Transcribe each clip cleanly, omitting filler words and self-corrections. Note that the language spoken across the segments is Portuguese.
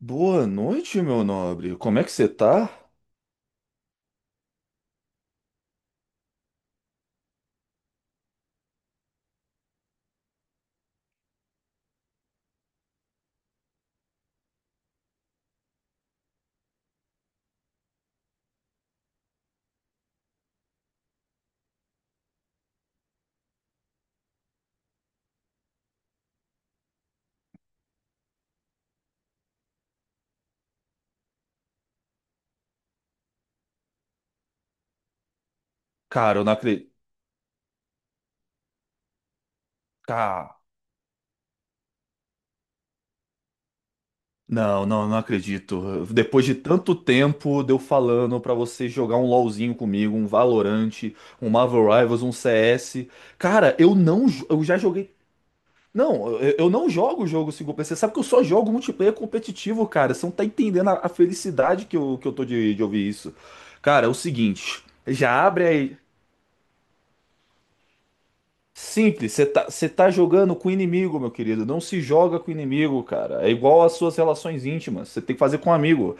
Boa noite, meu nobre. Como é que você tá? Cara, eu não acredito. Cara, não acredito. Depois de tanto tempo de eu falando pra você jogar um LoLzinho comigo, um valorante, um Marvel Rivals, um CS. Cara, eu não, eu já joguei. Não, eu não jogo jogo single player. Você sabe que eu só jogo multiplayer competitivo, cara. Você não tá entendendo a felicidade que eu tô de ouvir isso. Cara, é o seguinte. Já abre aí. Simples, você tá jogando com o inimigo, meu querido. Não se joga com o inimigo, cara. É igual às suas relações íntimas. Você tem que fazer com um amigo.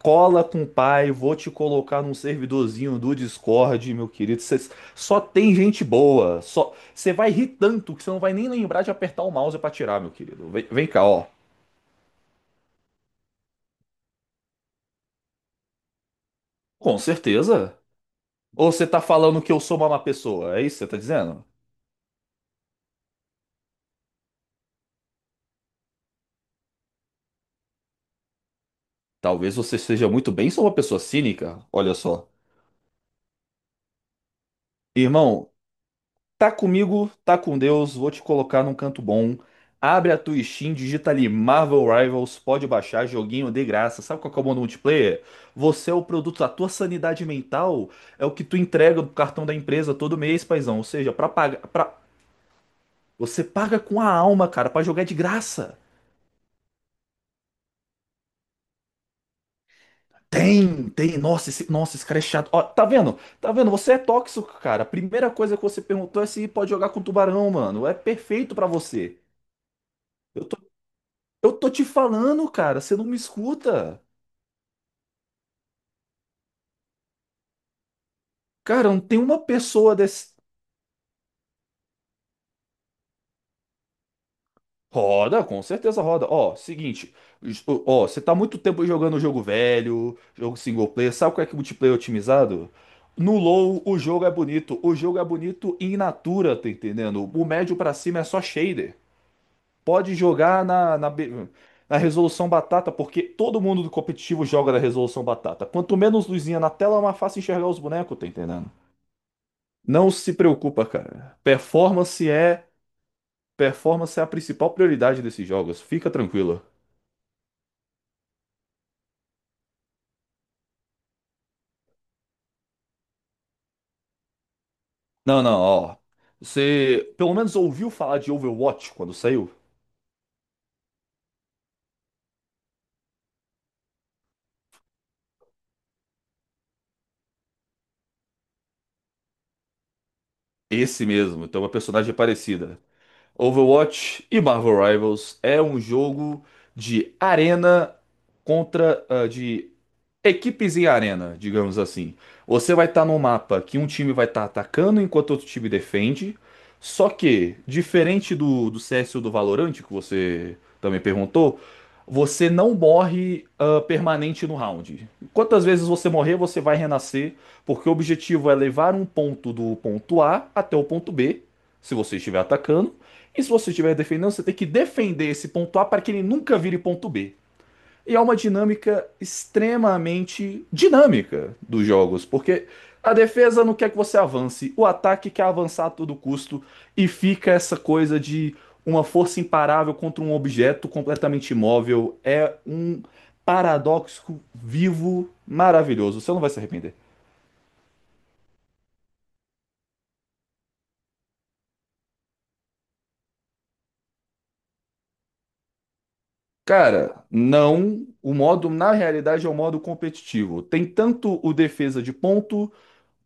Cola com o pai, vou te colocar num servidorzinho do Discord, meu querido. Você só tem gente boa. Só você vai rir tanto que você não vai nem lembrar de apertar o mouse pra tirar, meu querido. Vem, vem cá, ó. Com certeza. Ou você tá falando que eu sou uma má pessoa? É isso que você tá dizendo? Talvez você seja muito bem, sou uma pessoa cínica. Olha só. Irmão, tá comigo, tá com Deus, vou te colocar num canto bom. Abre a tua Steam, digita ali Marvel Rivals, pode baixar, joguinho de graça. Sabe qual que é o modo multiplayer? Você é o produto, a tua sanidade mental é o que tu entrega do cartão da empresa todo mês, paizão. Ou seja, pra pagar, pra... você paga com a alma, cara, pra jogar de graça. Tem, tem, nossa, esse cara é chato. Ó, tá vendo? Tá vendo? Você é tóxico, cara. A primeira coisa que você perguntou é se pode jogar com tubarão, mano. É perfeito pra você. Eu Eu tô te falando, cara, você não me escuta. Cara, não tem uma pessoa desse. Roda, com certeza roda. Ó, seguinte, ó, você tá muito tempo jogando jogo velho, jogo single player, sabe qual é que é multiplayer otimizado? No low, o jogo é bonito. O jogo é bonito in natura, tá entendendo? O médio pra cima é só shader. Pode jogar na na resolução batata, porque todo mundo do competitivo joga na resolução batata. Quanto menos luzinha na tela, mais fácil enxergar os bonecos, tá entendendo? Não se preocupa, cara. Performance é a principal prioridade desses jogos. Fica tranquilo. Não, não, ó. Você pelo menos ouviu falar de Overwatch quando saiu? Esse mesmo, então é uma personagem parecida. Overwatch e Marvel Rivals é um jogo de arena contra de equipes em arena, digamos assim. Você vai estar num mapa que um time vai estar atacando enquanto outro time defende. Só que, diferente do CS ou do Valorant, que você também perguntou, você não morre permanente no round. Quantas vezes você morrer, você vai renascer, porque o objetivo é levar um ponto do ponto A até o ponto B, se você estiver atacando, e se você estiver defendendo, você tem que defender esse ponto A para que ele nunca vire ponto B. E é uma dinâmica extremamente dinâmica dos jogos, porque a defesa não quer que você avance, o ataque quer avançar a todo custo e fica essa coisa de uma força imparável contra um objeto completamente imóvel. É um paradoxo vivo maravilhoso. Você não vai se arrepender. Cara, não. O modo, na realidade, é um modo competitivo. Tem tanto o defesa de ponto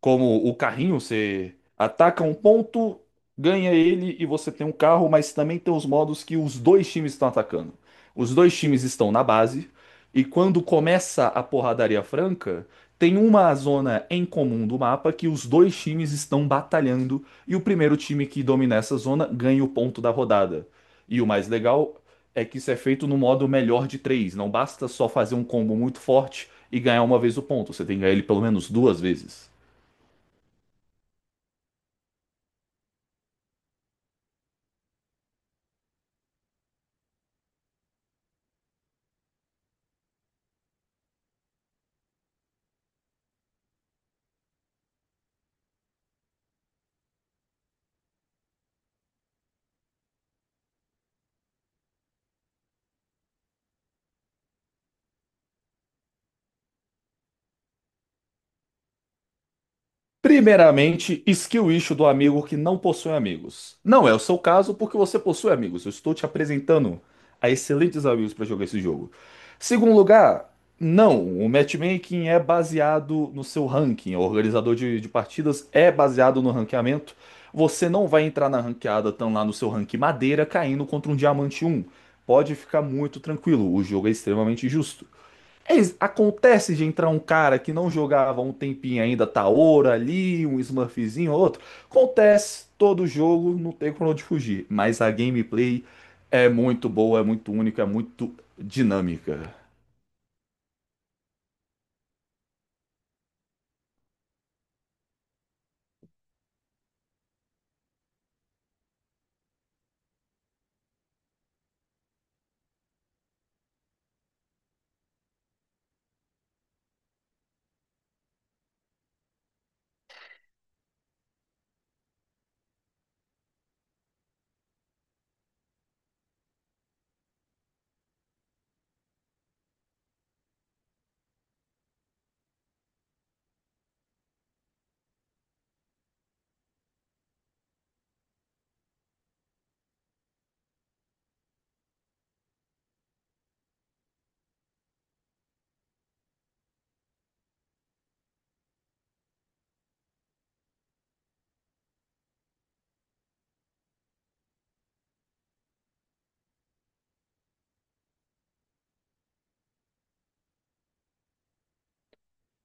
como o carrinho, você ataca um ponto, ganha ele e você tem um carro, mas também tem os modos que os dois times estão atacando. Os dois times estão na base e quando começa a porradaria franca, tem uma zona em comum do mapa que os dois times estão batalhando e o primeiro time que domina essa zona ganha o ponto da rodada. E o mais legal é que isso é feito no modo melhor de três. Não basta só fazer um combo muito forte e ganhar uma vez o ponto. Você tem que ganhar ele pelo menos duas vezes. Primeiramente, skill issue do amigo que não possui amigos. Não é o seu caso porque você possui amigos. Eu estou te apresentando a excelentes amigos para jogar esse jogo. Segundo lugar, não, o matchmaking é baseado no seu ranking. O organizador de partidas é baseado no ranqueamento. Você não vai entrar na ranqueada tão lá no seu ranking madeira caindo contra um diamante um. Pode ficar muito tranquilo, o jogo é extremamente justo. É, acontece de entrar um cara que não jogava há um tempinho ainda, Taora ali, um Smurfzinho, outro. Acontece, todo jogo, não tem como onde fugir. Mas a gameplay é muito boa, é muito única, é muito dinâmica.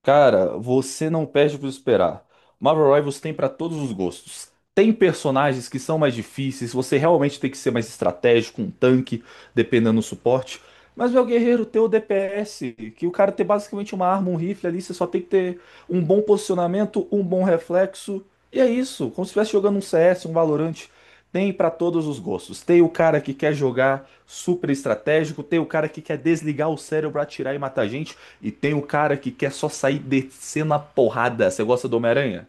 Cara, você não perde para esperar. Marvel Rivals tem para todos os gostos. Tem personagens que são mais difíceis, você realmente tem que ser mais estratégico, um tanque, dependendo do suporte. Mas meu guerreiro tem o DPS, que o cara tem basicamente uma arma, um rifle ali, você só tem que ter um bom posicionamento, um bom reflexo. E é isso, como se estivesse jogando um CS, um Valorant. Tem para todos os gostos. Tem o cara que quer jogar super estratégico, tem o cara que quer desligar o cérebro, atirar e matar gente. E tem o cara que quer só sair descendo a porrada. Você gosta do Homem-Aranha?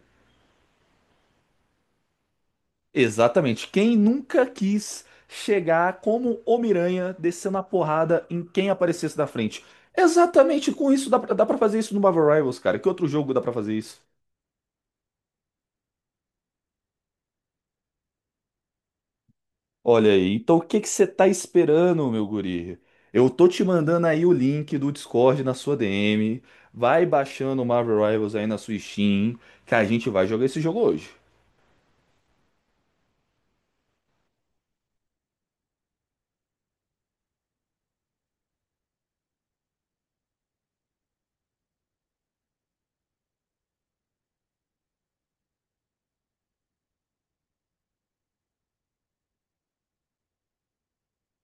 Exatamente. Quem nunca quis chegar como Homem-Aranha descendo a porrada em quem aparecesse na frente? Exatamente com isso, dá pra fazer isso no Marvel Rivals, cara. Que outro jogo dá pra fazer isso? Olha aí, então o que que você tá esperando, meu guri? Eu tô te mandando aí o link do Discord na sua DM. Vai baixando o Marvel Rivals aí na sua Steam, que a gente vai jogar esse jogo hoje.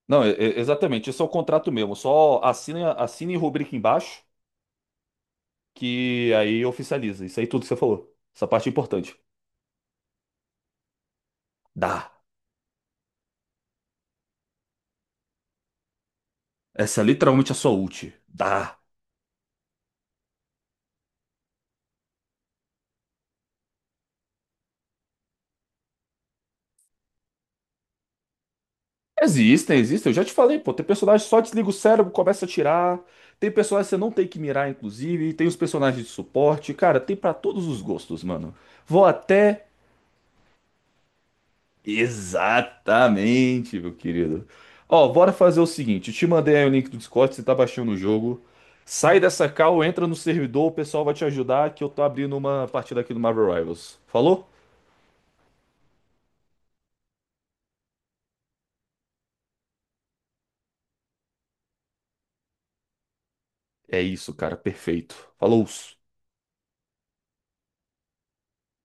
Não, exatamente. Isso é o contrato mesmo. Só assina, assina e rubrica embaixo, que aí oficializa. Isso aí tudo que você falou. Essa parte é importante. Dá. Essa é literalmente a sua ult. Dá. Existem, existem. Eu já te falei, pô. Tem personagem que só desliga o cérebro, começa a tirar. Tem personagem que você não tem que mirar, inclusive. Tem os personagens de suporte. Cara, tem pra todos os gostos, mano. Vou até exatamente, meu querido. Ó, bora fazer o seguinte: eu te mandei aí o link do Discord, você tá baixando o jogo. Sai dessa call, entra no servidor, o pessoal vai te ajudar, que eu tô abrindo uma partida aqui do Marvel Rivals. Falou? É isso, cara, perfeito. Falou!